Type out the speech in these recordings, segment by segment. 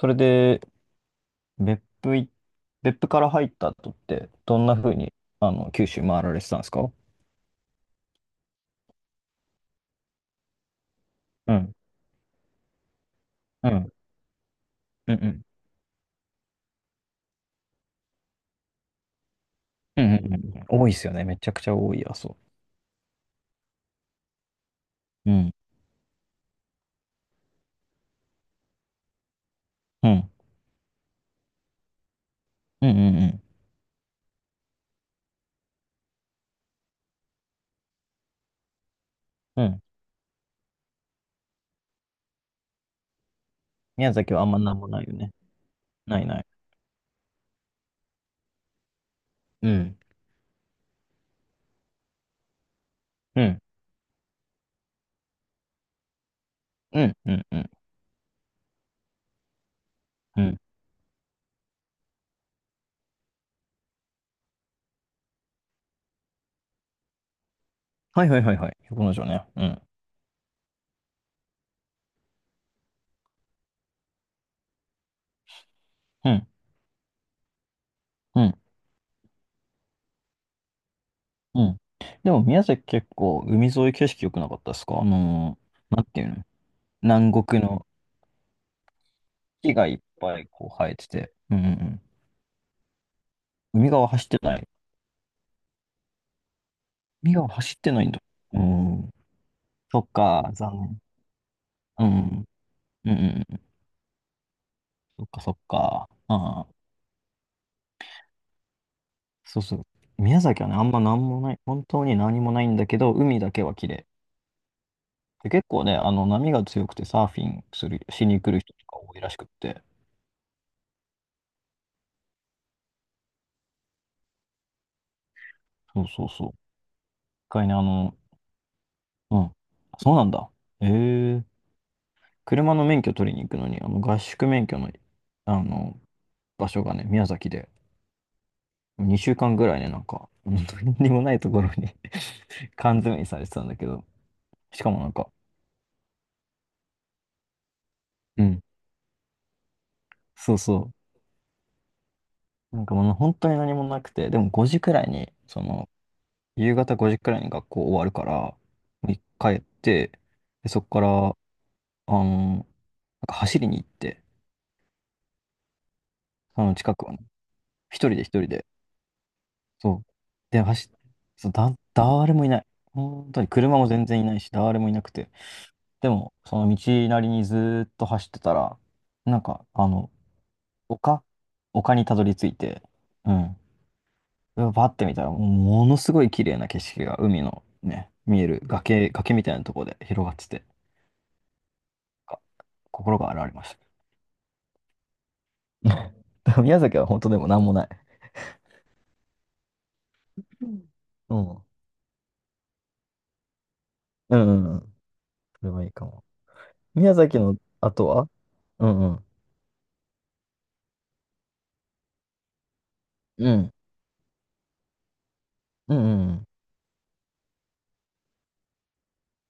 それで、別府い、別府から入った後って、どんな風に九州回られてたんですか？うん。うん。うん。うん。うんうんうん、多いですよね。めちゃくちゃ多い、やそう。うん。うん。うんうんうん。う。うんうんうん、宮崎はあんまなんもないよね。ないない。うん。うん。うん。うん。うん。うん。はいはいはいはい。横の城ね。うん。うん。うん。うん。でも宮崎結構海沿い景色良くなかったですか？あのー、なんていうの、南国の木がいっぱいこう生えてて。うんうん。海側走ってない。海側走ってないんだ。うん。そっか、残念。うん。うんうんうん。そっかそっか。ああ、そうそう。宮崎はね、あんまなんもない。本当に何もないんだけど、海だけは綺麗。で、結構ね、あの、波が強くてサーフィンする、しに来る人とか多いらしくって。そうそうそう。一回ね、あの、うん。そうなんだ。ええ、車の免許取りに行くのに、あの、合宿免許の、あの、場所がね、宮崎で。2週間ぐらいね、なんか、本当に何もないところに 缶詰にされてたんだけど、しかもなんか、うん。そうそう、なんかもう本当に何もなくて、でも5時くらいに、その、夕方5時くらいに学校終わるから、に帰って、で、そこから、あの、なんか走りに行って、その近くをね、一人で、そう、で、そう、誰もいない。本当に車も全然いないし、誰もいなくて、でも、その道なりにずーっと走ってたら、なんか、あの、丘丘にたどり着いて、うん。でバッて見たら、もうものすごい綺麗な景色が海のね、見える崖みたいなところで広がってて、あ、心が洗われました。だから宮崎は本当でもなんもない。うんうん。うんうんうんうん。それはいいかも。宮崎の後は、うんうん。うん。うんうん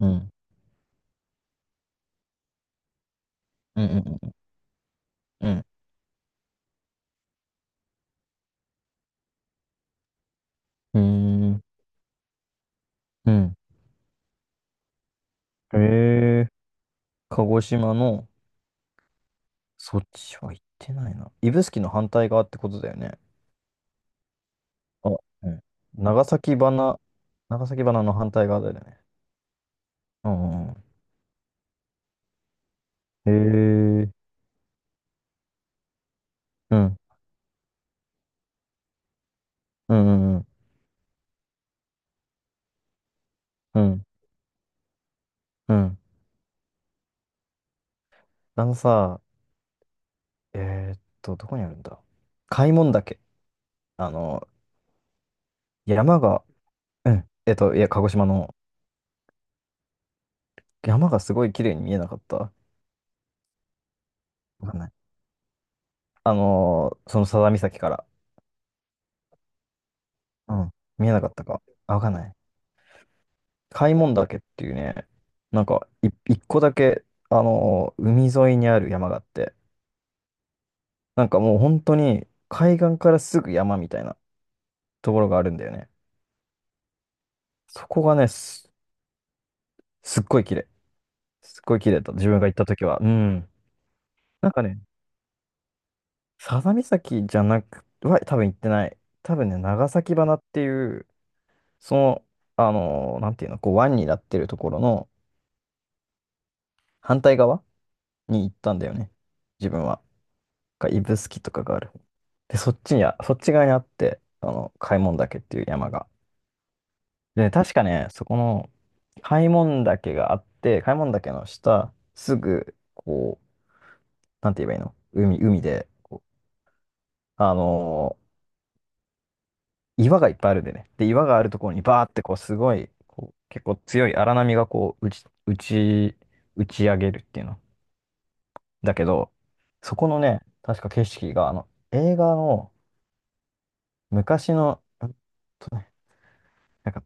うん。うん。うんうんうんうん。うん。うーん。うん。へえ。鹿児島の、そっちは行ってないな。指宿の反対側ってことだよね。あ、うん。長崎花、長崎花の反対側だよね。うんうんうん。へえ。うん。うんうんうん。うん。うん。あのさ、どこにあるんだ、開聞岳。あの、山が、うん。いや、鹿児島の山がすごい綺麗に見えなかった？わかんない。あのー、その佐田岬から。うん。見えなかったか。あ、わかんない。開聞岳っていうね、なんかい一個だけ、あのー、海沿いにある山があって、なんかもう本当に海岸からすぐ山みたいなところがあるんだよね。そこがね、すっごい綺麗。すっごい綺麗だった。自分が行った時は。うん。なんかね、佐々岬じゃなくは多分行ってない。多分ね、長崎花っていう、その、あのー、なんていうの、こう湾になってるところの反対側に行ったんだよね。自分は。か指宿とかがある。で、そっち側にあって、あの、開門岳っていう山が。で、確かね、そこの開門岳があって、開門岳の下、すぐ、こう、なんて言えばいいの、海で、こう、あのー、岩がいっぱいあるんでね。で、岩があるところにバーってこう、すごい、こう、結構強い荒波がこう、打ち上げるっていうの。だけど、そこのね、確か景色が、あの、映画の昔の、とねなんか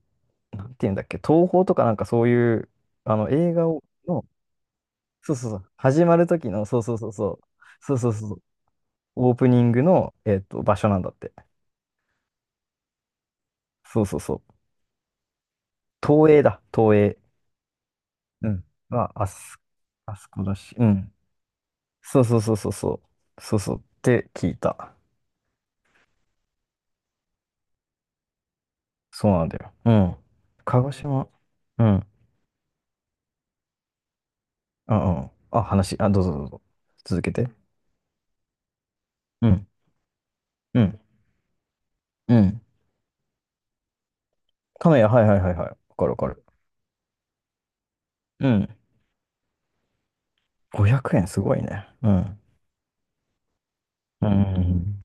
なんていうんだっけ、東宝とかなんかそういう、あの、映画を、の、そうそうそう、始まる時の、そうそうそうそう、そうそうそうそう、オープニングの、場所なんだって。そうそうそう。東映だ、東映。うん。まあ、あす、あそこだし、うん。そうそうそうそうそう。そうそう。って聞いた。そうなんだよ。うん。鹿児島。うん。あ、うん。あ、どうぞどうぞ。続けて。うん。うん。うん。鹿屋、はいはいはいはい。わかるわかる。うん、500円すごいね。うん。うう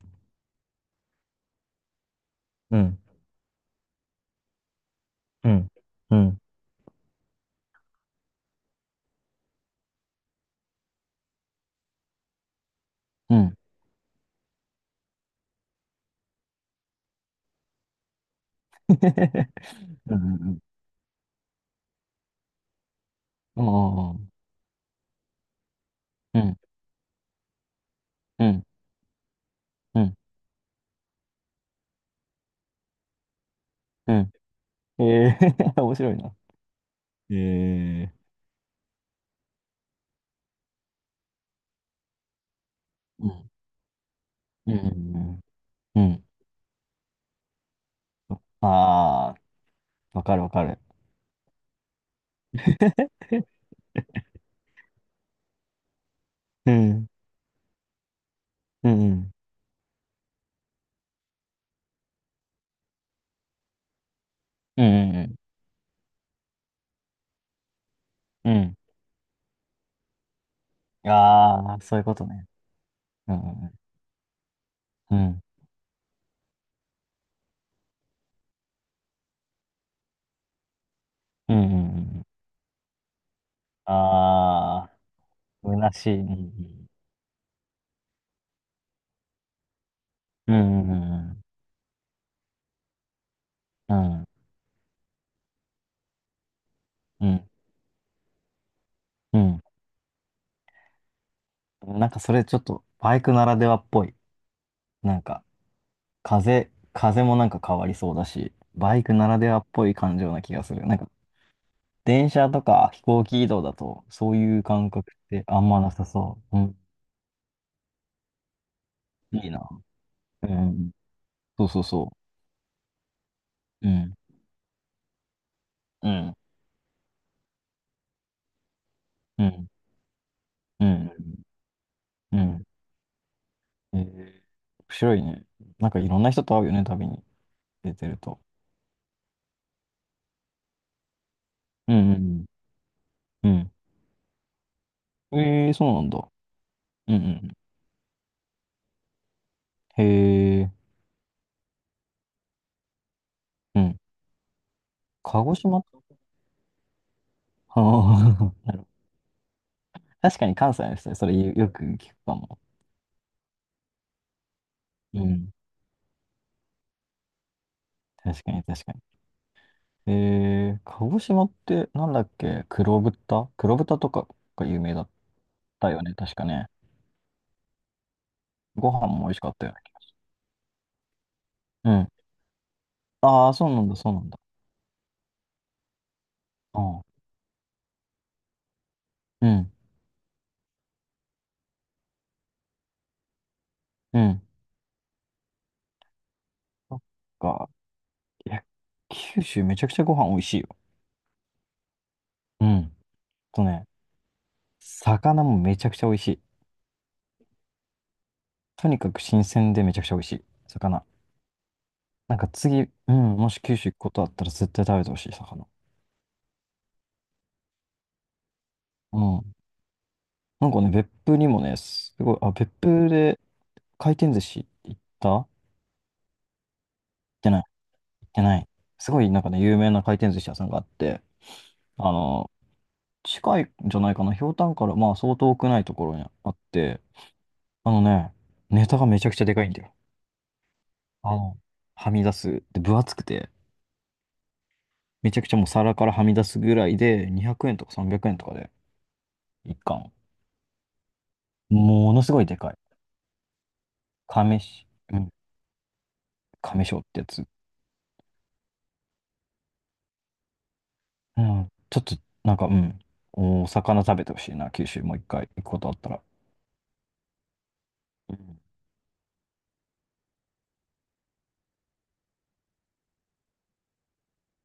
ん。ん。うん。うん。うん。うん。うん。うん。うん。うん。うん。うん。うん、えー、面白いな。ええ、うん。うん。うん。ああ、わかるわかる。うん。うん。うん。うん。うん。うん、ああ、そういうことね。うん。うん。うん。うん。うん、ああ、虚しい。うん。うん。うん。うん。うん。うん。なんかそれちょっとバイクならではっぽい。なんか風もなんか変わりそうだし、バイクならではっぽい感情な気がする。なんか電車とか飛行機移動だとそういう感覚ってあんまなさそう。うん。いいな。うん。そうそうそう。うん。うん。うん。うん。うん。えー、面白いね。なんかいろんな人と会うよね、旅に出てると。うん。うんうん。うん。えー、そうなんだ。うん。うん。へえ。うん。鹿児島。 ああ、なるほど、確かに関西の人それよよく聞くかも。うんん。確かに確かに。えー、鹿児島ってなんだっけ、黒豚とかが有名だったよね、確かね。ご飯も美味しかったよね。うん。ああ、そうなんだ、そうなんだ。うん。うん。うん。そっか。いや、九州めちゃくちゃご飯美味しいよ。うん。あとね、魚もめちゃくちゃ美味しい。とにかく新鮮でめちゃくちゃ美味しい。魚。なんか次、うん、もし九州行くことあったら絶対食べてほしい、魚。うん。なんかね、別府にもね、すごい、あ、別府で回転寿司行った行ってない。すごいなんかね、有名な回転寿司屋さんがあって、あの、近いんじゃないかな、ひょうたんからまあ相当遠くないところにあって、あのね、ネタがめちゃくちゃでかいんだよ。あの、はみ出す。で、分厚くて、めちゃくちゃもう皿からはみ出すぐらいで、200円とか300円とかで、一貫。ものすごいでかい。亀し。亀章ってやつ。うん。ちょっと、なんか、うん。お魚食べてほしいな、九州もう一回行くことあったら。うん